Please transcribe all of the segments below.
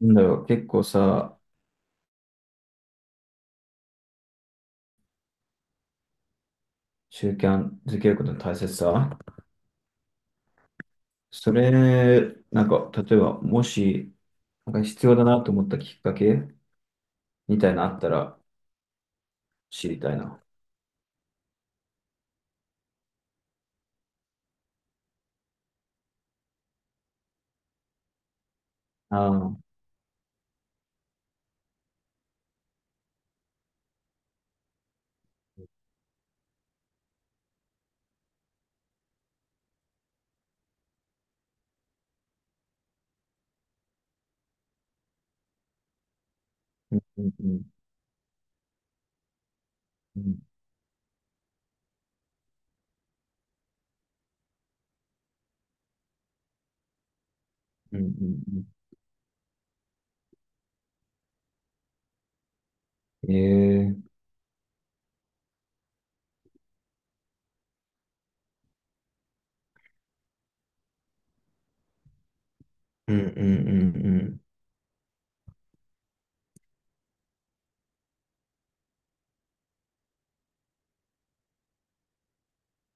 なんだろう、結構さ、習慣づけることの大切さ。それ、なんか、例えば、もし、なんか必要だなと思ったきっかけみたいなのあったら知りたいな。ああ、うんうんうんうんうんうん。ええー、うんうんうんうん。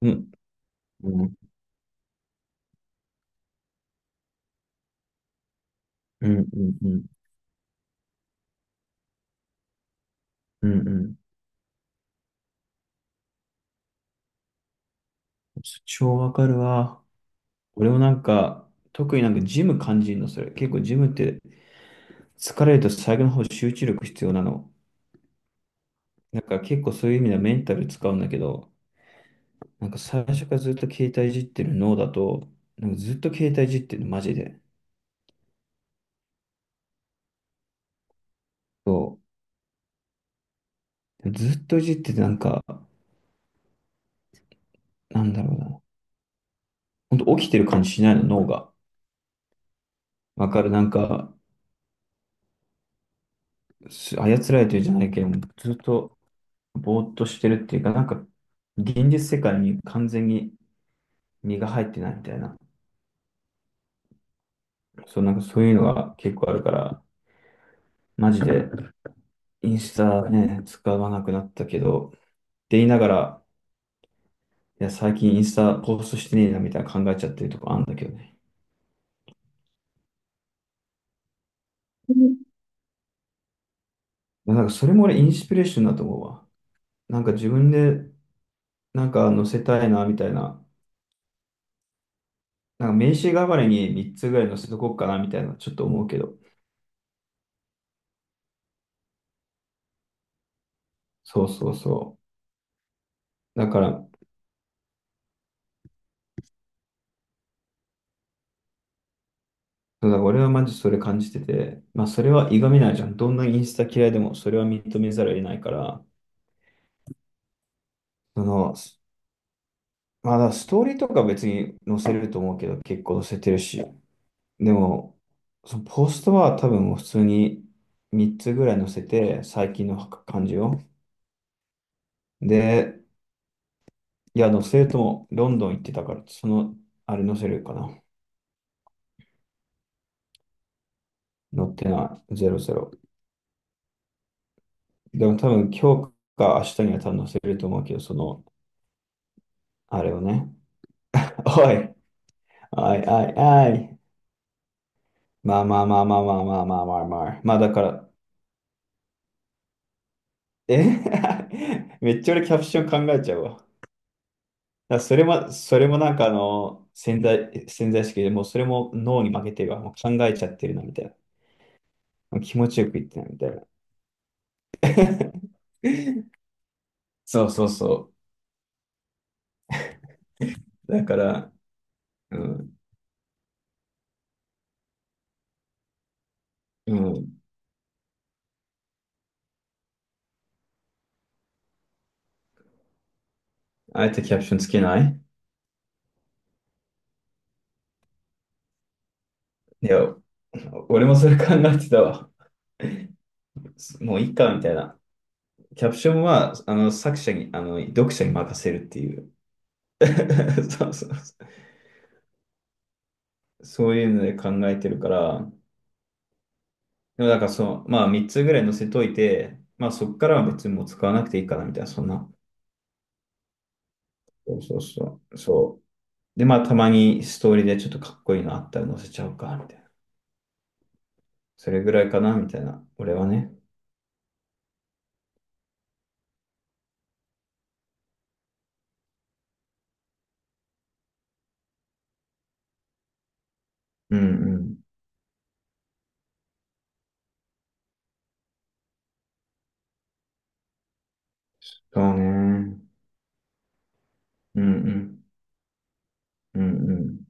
うんうんうんうんうんうん。超わかるわ。俺もなんか、特になんかジム感じるの、それ。結構ジムって疲れると最後の方集中力必要なの。なんか結構そういう意味ではメンタル使うんだけど、なんか最初からずっと携帯いじってる脳だと、なんかずっと携帯いじってるの、マジで。そう。ずっといじっててなんか、なんだろうな。ほんと起きてる感じしないの、脳が。わかる、なんか、操られてるじゃないけど、ずっとぼーっとしてるっていうか、なんか、現実世界に完全に身が入ってないみたいな。そう、なんかそういうのが結構あるから、マジでインスタね、使わなくなったけど、って言いながら、いや、最近インスタポストしてねえなみたいな考えちゃってるとこあるんだけどね。いや、なんかそれも俺インスピレーションだと思うわ。なんか自分でなんか載せたいなみたいな。なんか名刺代わりに3つぐらい載せとこうかなみたいなちょっと思うけど。そうそうそう。だから、そうだから俺はマジそれ感じてて、まあそれはいがみないじゃん。どんなインスタ嫌いでもそれは認めざるを得ないから、その、まあだからストーリーとか別に載せると思うけど、結構載せてるし。でも、そのポストは多分もう普通に3つぐらい載せて、最近の感じを。で、いや、載せるとも、ロンドン行ってたから、その、あれ載せるかな。載ってない、ゼロゼロ。でも多分今日か明日には多分載せると思うけど、その、あれをね。おい、おい、おい、おい。まあまあまあまあまあまあまあまあまあ。まあだから、え、 めっちゃ俺キャプション考えちゃうわ。だからそれも、それもなんかあの、潜在意識でもうそれも脳に負けてるわ。もう考えちゃってるな、みたいな。気持ちよく言ってない、みたいな。そうそうそう。だから、うん、うん、あえてキャプションつけない。いや、俺もそれ考えてたわ。もういいか、みたいな。キャプションは、あの、作者に、あの、読者に任せるっていう。そうそうそう。そういうので考えてるから、でもだからその、まあ3つぐらい載せといて、まあそっからは別にもう使わなくていいかなみたいな、そんな。そうそうそう。そう。で、まあたまにストーリーでちょっとかっこいいのあったら載せちゃおうか、みたいな。それぐらいかな、みたいな。俺はね。うんうん。そうね。うんうん。うんうん。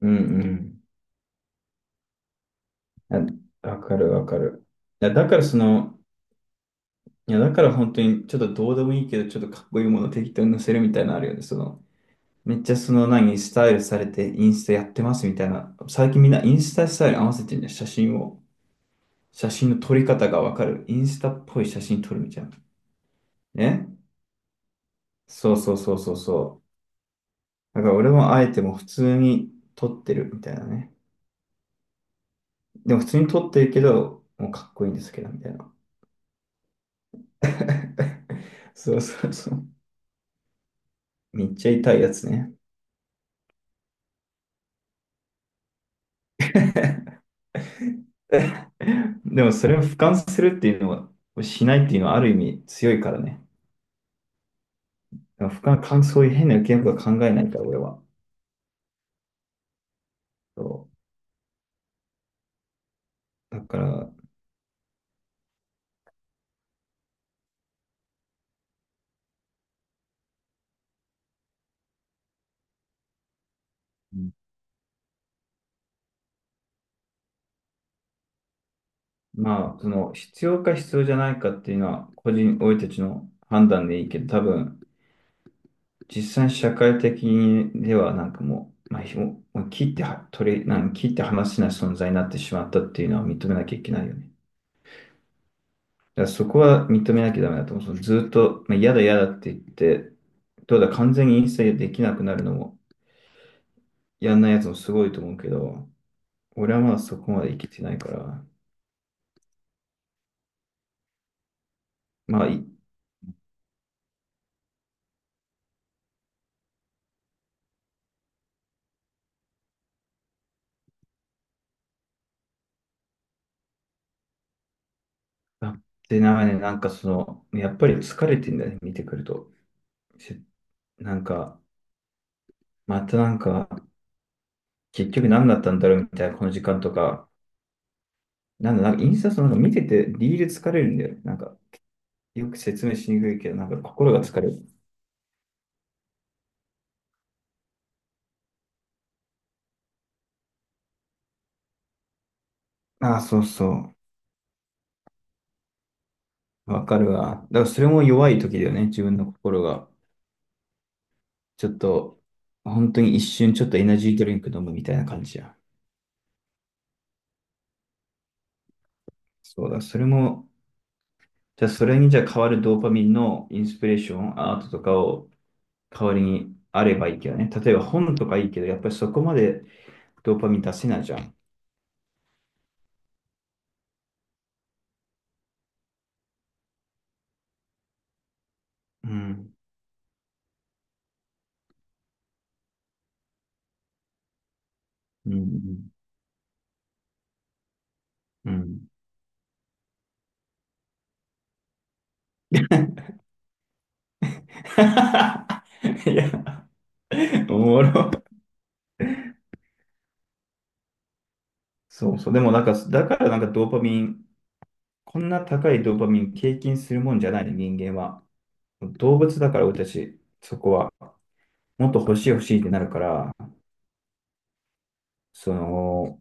うんうん。あ、わかるわかる。いや、だからその、いや、だから本当にちょっとどうでもいいけど、ちょっとかっこいいものを適当に載せるみたいなのあるよね。その、めっちゃその何、スタイルされてインスタやってますみたいな。最近みんなインスタスタイル合わせてんじゃん。写真を。写真の撮り方がわかる。インスタっぽい写真撮るみたいな。ね、そうそうそうそうそう。だから俺もあえてもう普通に撮ってるみたいなね。でも普通に撮ってるけど、もうかっこいいんですけど、みたいな。そうそうそう。めっちゃ痛いやつね。でもそれを俯瞰するっていうのは、しないっていうのはある意味強いからね。だから他の感想、変な受け身とか考えないから、俺は。そう。だから、まあ、その、必要か必要じゃないかっていうのは、個人、俺たちの判断でいいけど、多分、実際社会的にでは、なんかもう、まあ、ひももう切っては取り、なん切って話せない存在になってしまったっていうのは認めなきゃいけないよね。だからそこは認めなきゃダメだと思う。そのずっと、まあ、嫌だ嫌だって言って、どうだ、完全に一切できなくなるのも、やんないやつもすごいと思うけど、俺はまだそこまで生きてないから、まあ、い、あ、で、なんかね、なんかその、やっぱり疲れてんだね、見てくると。せ、なんか、またなんか、結局何だったんだろうみたいな、この時間とか、なんだ、なんかインスタそのなんか見てて、リール疲れるんだよね。なんか、よく説明しにくいけど、なんか心が疲れる。ああ、そうそう。わかるわ。だからそれも弱い時だよね、自分の心が。ちょっと、本当に一瞬ちょっとエナジードリンク飲むみたいな感じや。そうだ、それも、じゃあそれにじゃあ変わるドーパミンのインスピレーション、アートとかを代わりにあればいいけどね。例えば本とかいいけど、やっぱりそこまでドーパミン出せないじゃん。うん。うん。うん。いや、おもろ。そうそう。でもなんか、だからなんかドーパミン、こんな高いドーパミン経験するもんじゃないね、人間は。動物だから俺たち、そこは。もっと欲しい欲しいってなるから、その、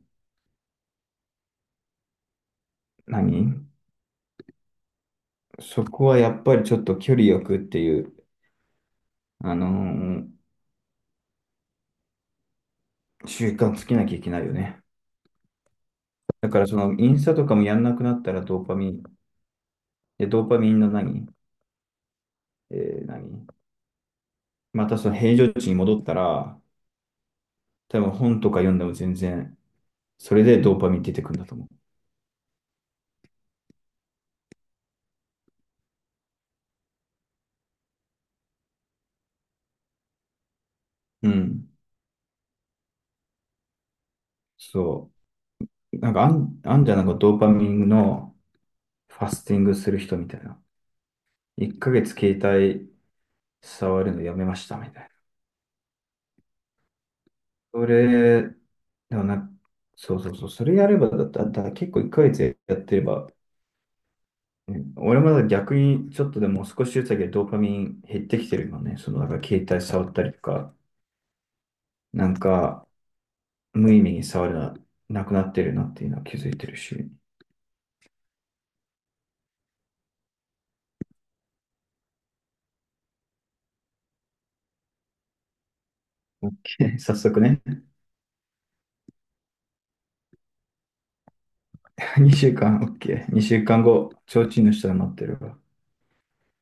何、そこはやっぱりちょっと距離よくっていう、あのー習慣つけなきゃいけないよね。だからそのインスタとかもやんなくなったらドーパミン、で、ドーパミンの何、え何、またその平常値に戻ったら、多分本とか読んでも全然、それでドーパミン出てくるんだと思う。うん。そう。なんかあんじゃん、なんかドーパミンのファスティングする人みたいな。1ヶ月携帯触るのやめましたみたいな。それ、でもな、そうそうそう、それやればだったら、だから結構1ヶ月やってれば、うん、俺まだ逆にちょっとでも少しずつだけドーパミン減ってきてるよね。そのなんか携帯触ったりとか、なんか無意味に触るな、なくなってるなっていうのは気づいてるし。早速ね、2週間、OK。2週間後、提灯の下で待ってるわ。